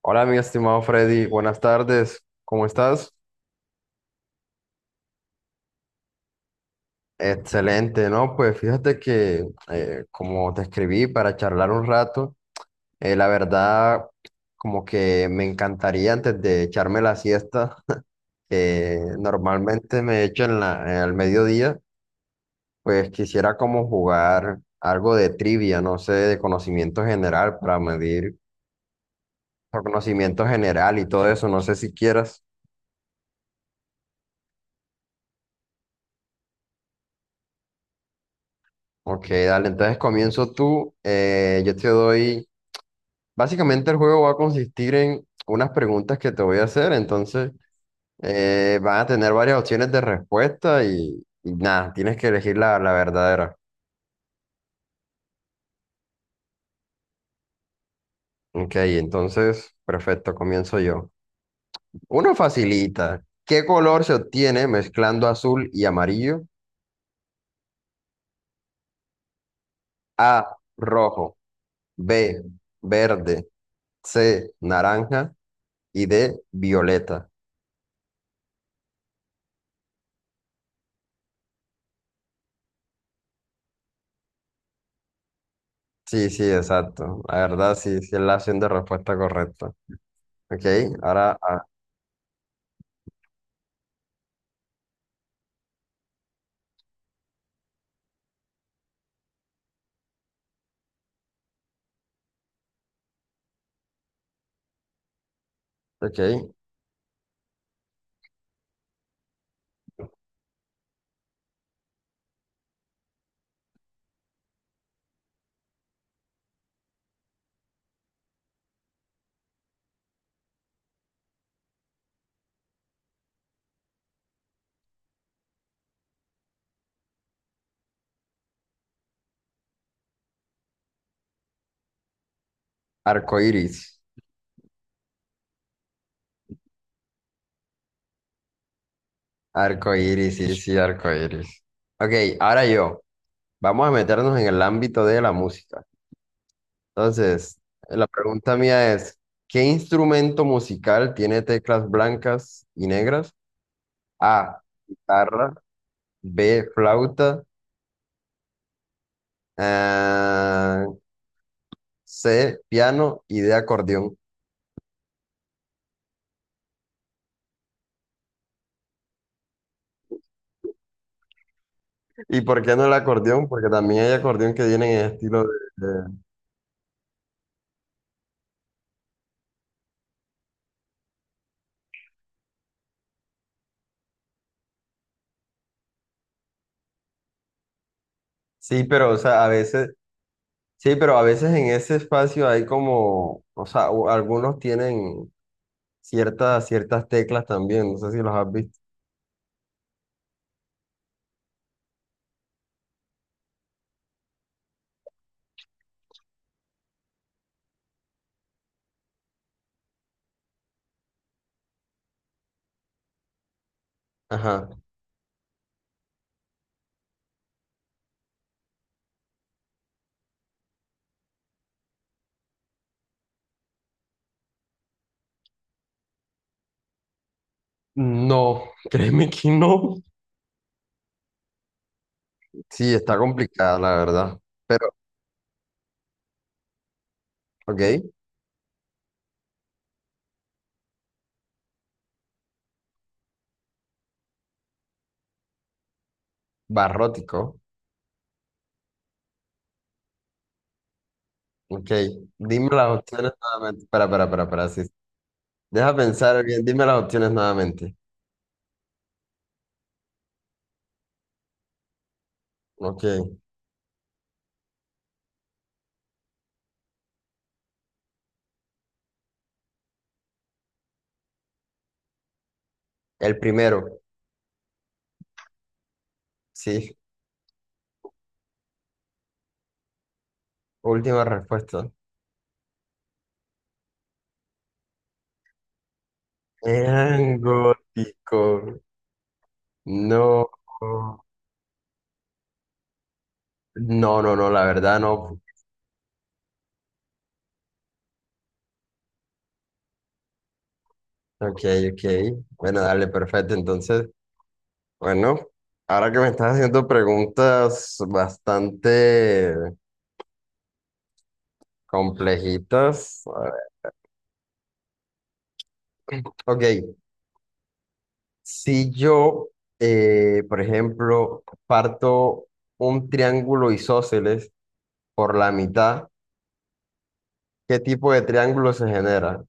Hola, mi estimado Freddy, buenas tardes, ¿cómo estás? Excelente, ¿no? Pues fíjate que como te escribí para charlar un rato, la verdad como que me encantaría antes de echarme la siesta, que normalmente me echo en en el mediodía, pues quisiera como jugar algo de trivia, no sé, de conocimiento general para medir por conocimiento general y todo eso, no sé si quieras. Ok, dale, entonces comienzo tú, yo te doy... Básicamente el juego va a consistir en unas preguntas que te voy a hacer, entonces van a tener varias opciones de respuesta y nada, tienes que elegir la verdadera. Ok, entonces, perfecto, comienzo yo. Uno facilita. ¿Qué color se obtiene mezclando azul y amarillo? A, rojo, B, verde, C, naranja y D, violeta. Sí, sí, exacto. La verdad, sí, sí es la opción de respuesta correcta. Ok, ahora, ah, ok. Arcoíris, arcoíris, sí, sí, arcoíris. Ok, ahora yo, vamos a meternos en el ámbito de la música. Entonces, la pregunta mía es, ¿qué instrumento musical tiene teclas blancas y negras? A, guitarra, B, flauta, ah, C, piano y D, acordeón. ¿Y por qué no el acordeón? Porque también hay acordeón que tienen en estilo de- Sí, pero o sea, a veces... Sí, pero a veces en ese espacio hay como, o sea, o- algunos tienen ciertas teclas también, no sé si los has visto. Ajá. No, créeme que no. Sí, está complicada, la verdad. Pero, ok, barrótico. Ok, dime las opciones nuevamente. Espera, espera, espera, espera, sí. Deja pensar bien, dime las opciones nuevamente. Ok, el primero, sí, última respuesta. Eran gótico. No. No, no, no, la verdad no. Ok, ok. Bueno, dale, perfecto. Entonces, bueno, ahora que me estás haciendo preguntas bastante complejitas. A ver. Ok, si yo, por ejemplo, parto un triángulo isósceles por la mitad, ¿qué tipo de triángulo se genera?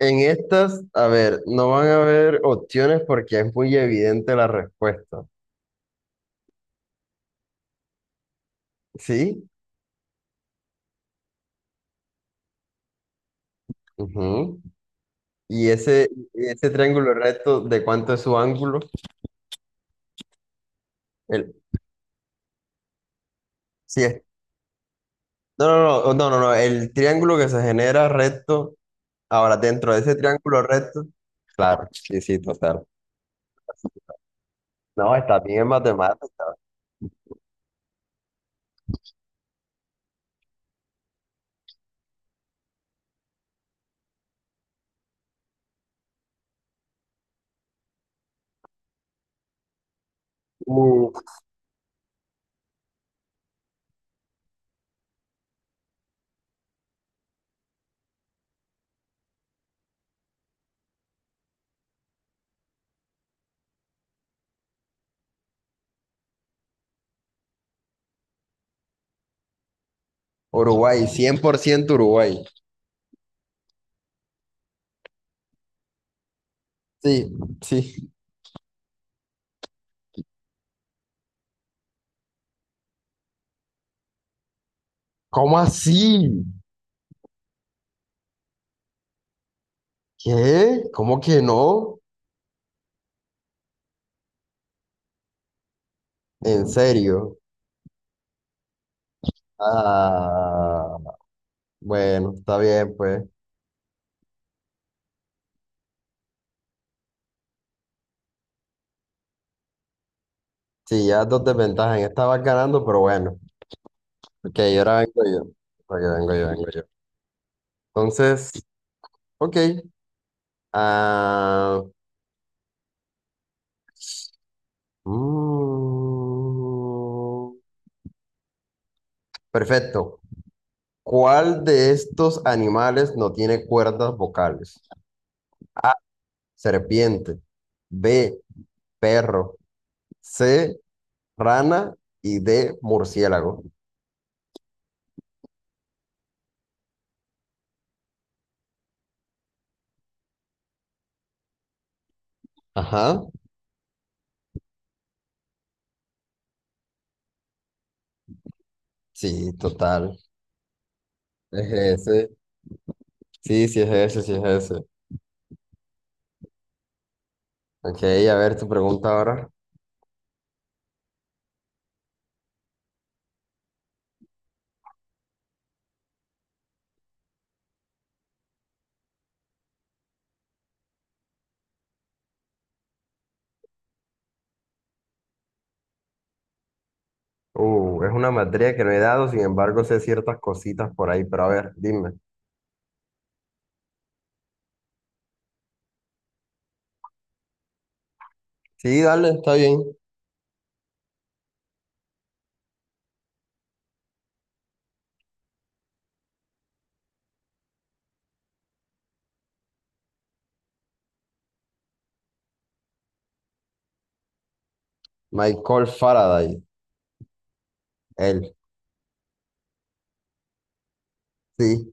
En estas, a ver, no van a haber opciones porque es muy evidente la respuesta. ¿Sí? Ujú. Y ese triángulo recto, ¿de cuánto es su ángulo? El, sí, es- no, no, no, oh, no, no, no, el triángulo que se genera recto, ahora dentro de ese triángulo recto, claro, sí, sí, total. No, está bien en matemáticas. Uh, Uruguay, 100% Uruguay. Sí, sí. ¿Cómo así? ¿Qué? ¿Cómo que no? ¿En serio? Ah, bueno, está bien, pues. Sí, ya dos desventajas. En esta vas ganando, pero bueno. Ok, ahora vengo yo. Vengo yo, vengo yo, vengo yo. Entonces, ok. Ah, mm, perfecto. ¿Cuál de estos animales no tiene cuerdas vocales? A, serpiente. B, perro. C, rana. Y D, murciélago. Ajá. Sí, total. Es ese. Sí, sí, es ese, sí, es ese. Ok, a ver tu pregunta ahora. Es una materia que no he dado, sin embargo sé ciertas cositas por ahí, pero a ver, dime. Sí, dale, está bien. Michael Faraday, él, sí.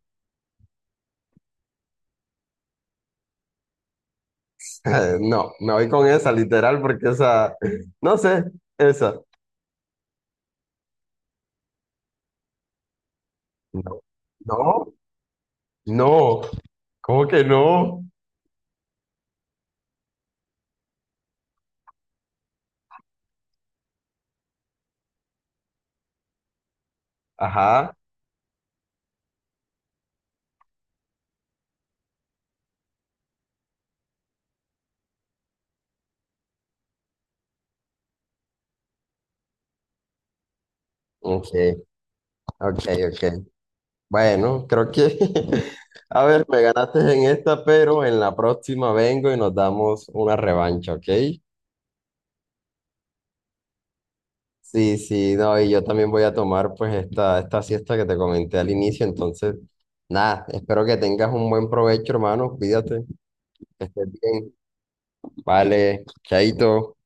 No, me voy con esa, literal, porque esa, no sé, esa. No, no, no, ¿cómo que no? Ajá, ok, ok, ok. Bueno, creo que, a ver, me ganaste en esta, pero en la próxima vengo y nos damos una revancha, ¿ok? Sí, sí, no, y yo también voy a tomar pues esta siesta que te comenté al inicio, entonces, nada, espero que tengas un buen provecho, hermano, cuídate, que estés bien, vale, chaito.